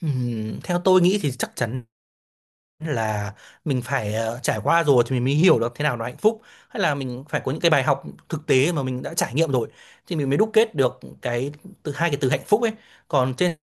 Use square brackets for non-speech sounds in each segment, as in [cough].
Theo tôi nghĩ thì chắc chắn là mình phải trải qua rồi thì mình mới hiểu được thế nào là hạnh phúc, hay là mình phải có những cái bài học thực tế mà mình đã trải nghiệm rồi thì mình mới đúc kết được cái từ, hai cái từ hạnh phúc ấy. Còn trên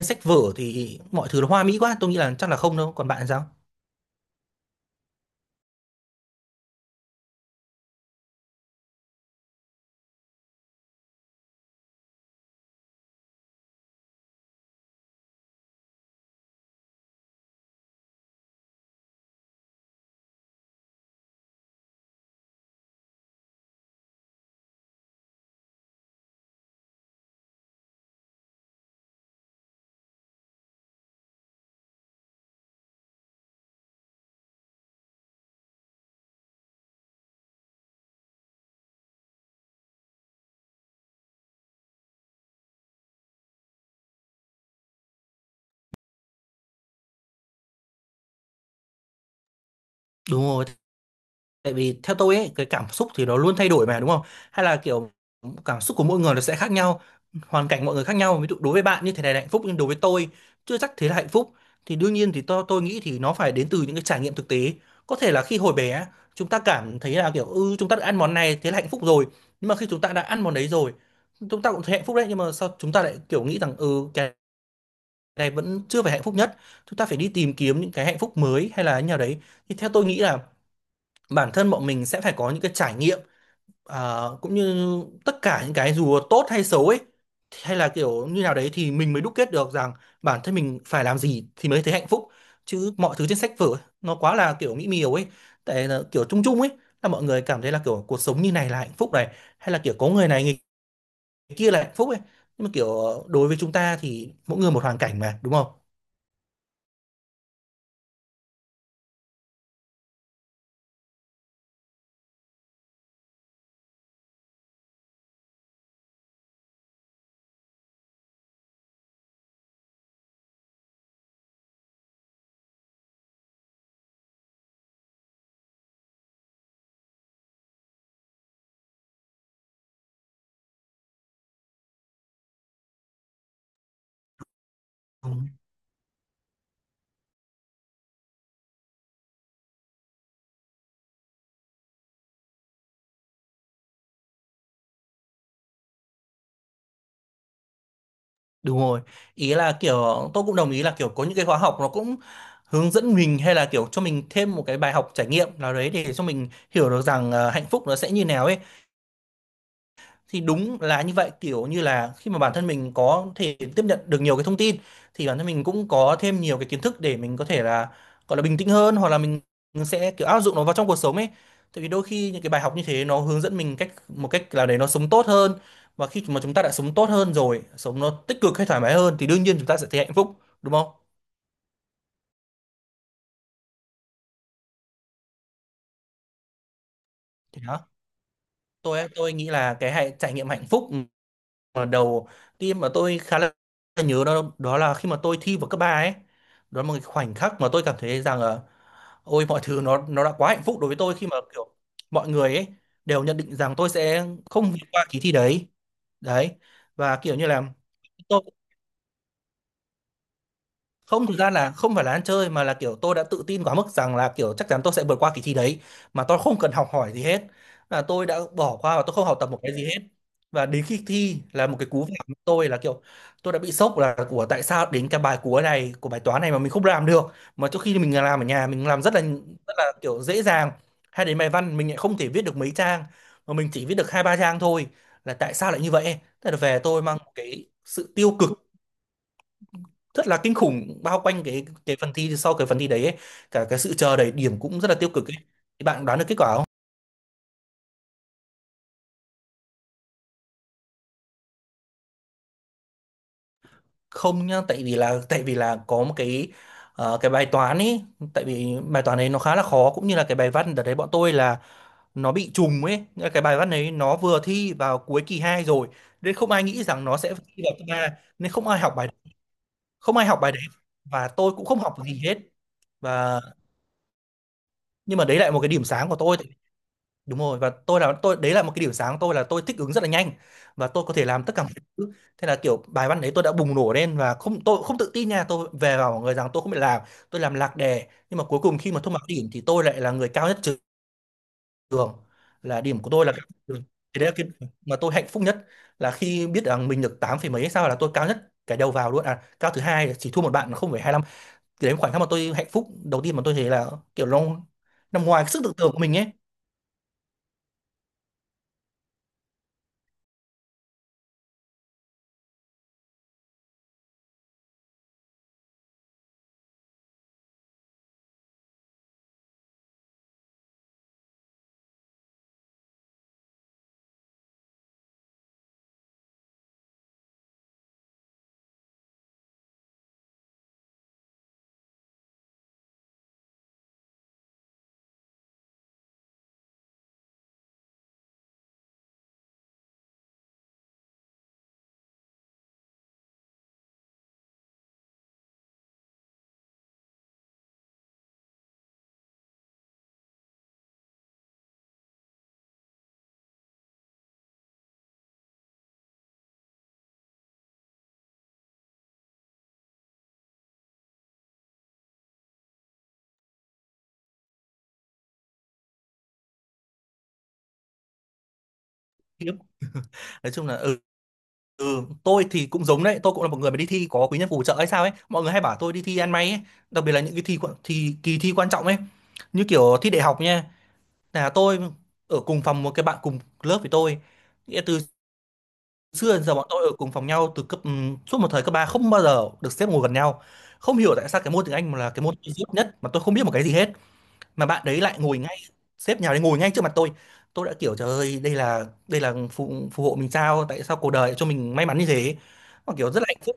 sách vở thì mọi thứ nó hoa mỹ quá, tôi nghĩ là chắc là không đâu. Còn bạn thì sao? Đúng rồi. Tại vì theo tôi ấy, cái cảm xúc thì nó luôn thay đổi mà đúng không? Hay là kiểu cảm xúc của mỗi người nó sẽ khác nhau, hoàn cảnh mọi người khác nhau. Ví dụ đối với bạn như thế này là hạnh phúc nhưng đối với tôi chưa chắc thế là hạnh phúc. Thì đương nhiên thì tôi nghĩ thì nó phải đến từ những cái trải nghiệm thực tế. Có thể là khi hồi bé chúng ta cảm thấy là kiểu ừ, chúng ta đã ăn món này thế là hạnh phúc rồi. Nhưng mà khi chúng ta đã ăn món đấy rồi, chúng ta cũng thấy hạnh phúc đấy, nhưng mà sao chúng ta lại kiểu nghĩ rằng ừ, cái này vẫn chưa phải hạnh phúc nhất. Chúng ta phải đi tìm kiếm những cái hạnh phúc mới hay là như nào đấy. Thì theo tôi nghĩ là bản thân bọn mình sẽ phải có những cái trải nghiệm, cũng như tất cả những cái dù tốt hay xấu ấy, hay là kiểu như nào đấy thì mình mới đúc kết được rằng bản thân mình phải làm gì thì mới thấy hạnh phúc. Chứ mọi thứ trên sách vở ấy, nó quá là kiểu mỹ miều ấy, tại là kiểu chung chung ấy, là mọi người cảm thấy là kiểu cuộc sống như này là hạnh phúc này, hay là kiểu có người này người kia là hạnh phúc ấy, nhưng mà kiểu đối với chúng ta thì mỗi người một hoàn cảnh mà đúng không. Đúng rồi. Ý là kiểu tôi cũng đồng ý là kiểu có những cái khóa học nó cũng hướng dẫn mình hay là kiểu cho mình thêm một cái bài học trải nghiệm nào đấy để cho mình hiểu được rằng hạnh phúc nó sẽ như nào ấy. Thì đúng là như vậy, kiểu như là khi mà bản thân mình có thể tiếp nhận được nhiều cái thông tin thì bản thân mình cũng có thêm nhiều cái kiến thức để mình có thể là gọi là bình tĩnh hơn, hoặc là mình sẽ kiểu áp dụng nó vào trong cuộc sống ấy. Tại vì đôi khi những cái bài học như thế nó hướng dẫn mình cách, một cách là để nó sống tốt hơn. Và khi mà chúng ta đã sống tốt hơn rồi, sống nó tích cực hay thoải mái hơn thì đương nhiên chúng ta sẽ thấy hạnh phúc, đúng không. Thì đó, tôi nghĩ là cái hạnh, trải nghiệm hạnh phúc mà đầu tiên mà tôi khá là nhớ đó, đó là khi mà tôi thi vào cấp 3 ấy. Đó là một cái khoảnh khắc mà tôi cảm thấy rằng là ôi, mọi thứ nó đã quá hạnh phúc đối với tôi, khi mà kiểu mọi người ấy đều nhận định rằng tôi sẽ không vượt qua kỳ thi đấy. Đấy, và kiểu như là tôi không, thực ra là không phải là ăn chơi mà là kiểu tôi đã tự tin quá mức rằng là kiểu chắc chắn tôi sẽ vượt qua kỳ thi đấy mà tôi không cần học hỏi gì hết, là tôi đã bỏ qua và tôi không học tập một cái gì hết. Và đến khi thi là một cái cú vả của tôi, là kiểu tôi đã bị sốc, là của tại sao đến cái bài cuối này của bài toán này mà mình không làm được, mà trước khi mình làm ở nhà mình làm rất là, rất là kiểu dễ dàng. Hay đến bài văn mình lại không thể viết được mấy trang mà mình chỉ viết được hai ba trang thôi, là tại sao lại như vậy. Thế là về tôi mang một cái sự tiêu cực rất là kinh khủng bao quanh cái phần thi, sau cái phần thi đấy ấy. Cả cái sự chờ đợi điểm cũng rất là tiêu cực ấy. Thì bạn đoán được kết quả không? Không nhá, tại vì là có một cái cái bài toán ấy, tại vì bài toán ấy nó khá là khó, cũng như là cái bài văn đợt đấy bọn tôi là nó bị trùng ấy. Nghĩa là cái bài văn ấy nó vừa thi vào cuối kỳ 2 rồi nên không ai nghĩ rằng nó sẽ thi vào kỳ 3, nên không ai học bài, không ai học bài đấy, và tôi cũng không học gì hết. Và nhưng mà đấy lại một cái điểm sáng của tôi. Đúng rồi, và tôi là tôi đấy, là một cái điểm sáng của tôi là tôi thích ứng rất là nhanh và tôi có thể làm tất cả mọi thứ. Thế là kiểu bài văn đấy tôi đã bùng nổ lên và không, tôi không tự tin nha, tôi về bảo mọi người rằng tôi không biết làm, tôi làm lạc đề, nhưng mà cuối cùng khi mà thông báo điểm thì tôi lại là người cao nhất trường, là điểm của tôi là cao nhất trường. Thì đấy là cái mà tôi hạnh phúc nhất, là khi biết rằng mình được 8 phẩy mấy hay sao, là tôi cao nhất cái đầu vào luôn, à cao thứ hai, chỉ thua một bạn là 0,25. Thì đấy là khoảnh khắc mà tôi hạnh phúc đầu tiên mà tôi thấy là kiểu nó nằm ngoài cái sức tưởng tượng của mình ấy. Nói chung là ừ. Ừ, tôi thì cũng giống đấy, tôi cũng là một người mà đi thi có quý nhân phù trợ hay sao ấy. Mọi người hay bảo tôi đi thi ăn may ấy, đặc biệt là những cái thì kỳ thi quan trọng ấy, như kiểu thi đại học nha. Là tôi ở cùng phòng một cái bạn cùng lớp với tôi. Nghĩa từ xưa đến giờ bọn tôi ở cùng phòng nhau từ cấp suốt một thời cấp 3 không bao giờ được xếp ngồi gần nhau. Không hiểu tại sao cái môn tiếng Anh là cái môn duy nhất mà tôi không biết một cái gì hết, mà bạn đấy lại ngồi ngay, sếp nhà đấy ngồi ngay trước mặt tôi. Tôi đã kiểu trời ơi, đây là, đây là phù, phù hộ mình sao, tại sao cuộc đời lại cho mình may mắn như thế, mà kiểu rất là hạnh phúc.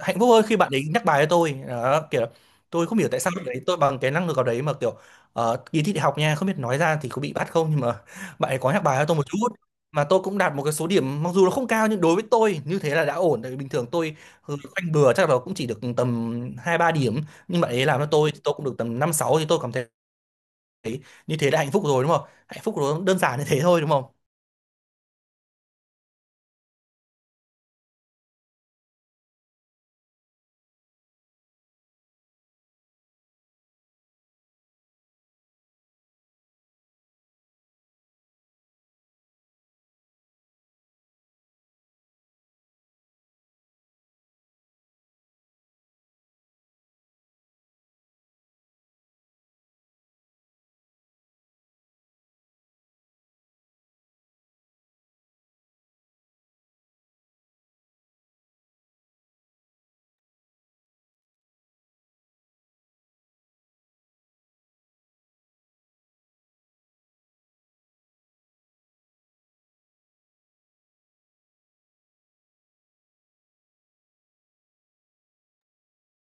Hạnh phúc hơn khi bạn ấy nhắc bài cho tôi đó, kiểu tôi không hiểu tại sao lúc đấy tôi bằng cái năng lực ở đấy mà kiểu kỳ thi đại học nha, không biết nói ra thì có bị bắt không, nhưng mà [laughs] bạn ấy có nhắc bài cho tôi một chút mà tôi cũng đạt một cái số điểm, mặc dù nó không cao nhưng đối với tôi như thế là đã ổn. Tại vì bình thường tôi ừ, khoanh bừa chắc là cũng chỉ được tầm hai ba điểm, nhưng bạn ấy làm cho tôi thì tôi cũng được tầm năm sáu, thì tôi cảm thấy thấy như thế đã hạnh phúc rồi, đúng không, hạnh phúc nó đơn giản như thế thôi, đúng không.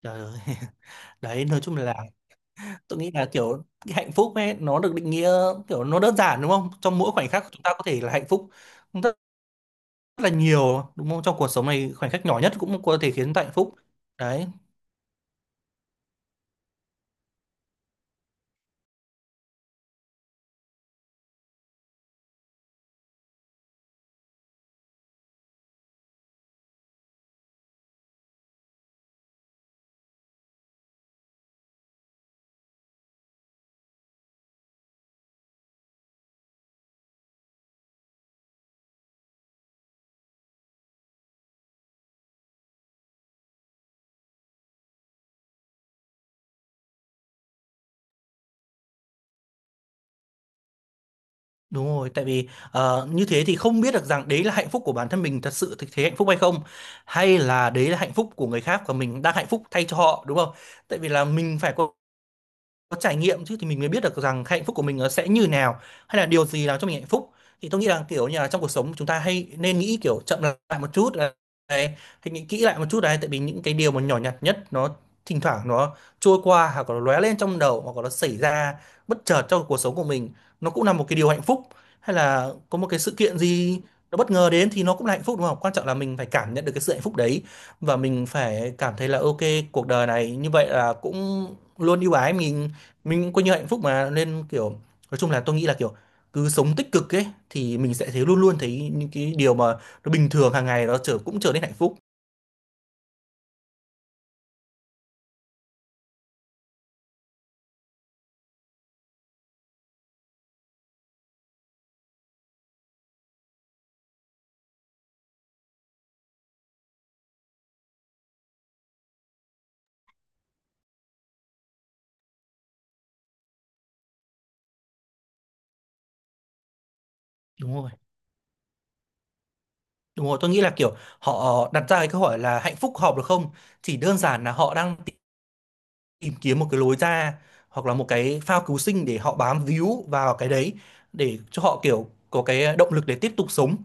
Trời ơi. [laughs] Đấy, nói chung là tôi nghĩ là kiểu cái hạnh phúc ấy nó được định nghĩa kiểu nó đơn giản, đúng không, trong mỗi khoảnh khắc chúng ta có thể là hạnh phúc rất là nhiều, đúng không, trong cuộc sống này khoảnh khắc nhỏ nhất cũng có thể khiến chúng ta hạnh phúc. Đấy. Đúng rồi, tại vì như thế thì không biết được rằng đấy là hạnh phúc của bản thân mình thật sự, thực thế hạnh phúc hay không, hay là đấy là hạnh phúc của người khác và mình đang hạnh phúc thay cho họ, đúng không. Tại vì là mình phải có trải nghiệm chứ thì mình mới biết được rằng hạnh phúc của mình nó sẽ như nào, hay là điều gì làm cho mình hạnh phúc. Thì tôi nghĩ là kiểu như là trong cuộc sống chúng ta hay nên nghĩ kiểu chậm lại một chút này, thì nghĩ kỹ lại một chút đấy, tại vì những cái điều mà nhỏ nhặt nhất nó thỉnh thoảng nó trôi qua, hoặc là nó lóe lên trong đầu, hoặc là nó xảy ra bất chợt trong cuộc sống của mình, nó cũng là một cái điều hạnh phúc. Hay là có một cái sự kiện gì nó bất ngờ đến thì nó cũng là hạnh phúc, đúng không, quan trọng là mình phải cảm nhận được cái sự hạnh phúc đấy, và mình phải cảm thấy là ok, cuộc đời này như vậy là cũng luôn ưu ái mình cũng coi như hạnh phúc mà, nên kiểu nói chung là tôi nghĩ là kiểu cứ sống tích cực ấy thì mình sẽ thấy, luôn luôn thấy những cái điều mà nó bình thường hàng ngày nó trở, cũng trở nên hạnh phúc. Đúng rồi. Đúng rồi, tôi nghĩ là kiểu họ đặt ra cái câu hỏi là hạnh phúc hợp được không, chỉ đơn giản là họ đang tìm kiếm một cái lối ra, hoặc là một cái phao cứu sinh để họ bám víu vào cái đấy, để cho họ kiểu có cái động lực để tiếp tục sống,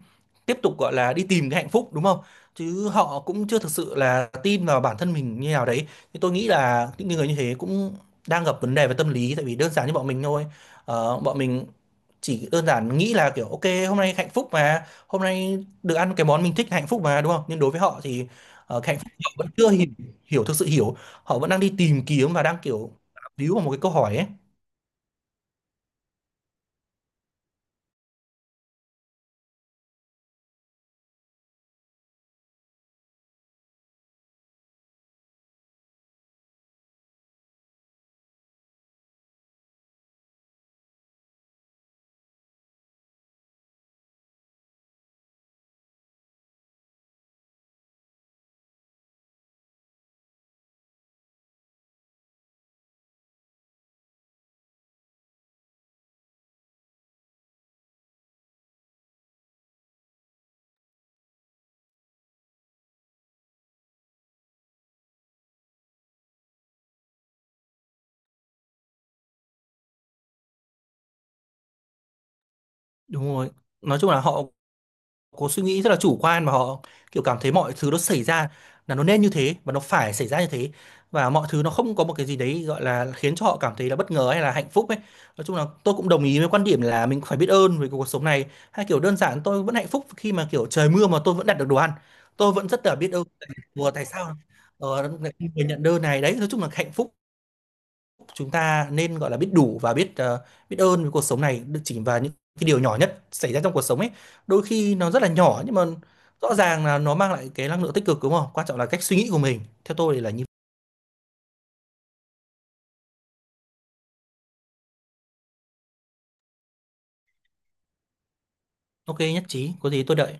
tiếp tục gọi là đi tìm cái hạnh phúc, đúng không. Chứ họ cũng chưa thực sự là tin vào bản thân mình như nào đấy. Thì tôi nghĩ là những người như thế cũng đang gặp vấn đề về tâm lý, tại vì đơn giản như bọn mình thôi. Ờ, bọn mình chỉ đơn giản nghĩ là kiểu ok, hôm nay hạnh phúc mà, hôm nay được ăn cái món mình thích hạnh phúc mà, đúng không, nhưng đối với họ thì cái hạnh phúc họ vẫn chưa hiểu, hiểu thực sự hiểu, họ vẫn đang đi tìm kiếm và đang kiểu víu vào một cái câu hỏi ấy. Đúng rồi, nói chung là họ có suy nghĩ rất là chủ quan, mà họ kiểu cảm thấy mọi thứ nó xảy ra là nó nên như thế và nó phải xảy ra như thế, và mọi thứ nó không có một cái gì đấy gọi là khiến cho họ cảm thấy là bất ngờ hay là hạnh phúc ấy. Nói chung là tôi cũng đồng ý với quan điểm là mình phải biết ơn với cuộc sống này, hay kiểu đơn giản tôi vẫn hạnh phúc khi mà kiểu trời mưa mà tôi vẫn đặt được đồ ăn, tôi vẫn rất là biết ơn tại-. Ủa, tại sao lại không người nhận đơn này. Đấy, nói chung là hạnh phúc, chúng ta nên gọi là biết đủ và biết biết ơn với cuộc sống này, được chỉ vào những cái điều nhỏ nhất xảy ra trong cuộc sống ấy, đôi khi nó rất là nhỏ nhưng mà rõ ràng là nó mang lại cái năng lượng tích cực, đúng không, quan trọng là cách suy nghĩ của mình, theo tôi thì là như. Ok, nhất trí, có gì tôi đợi.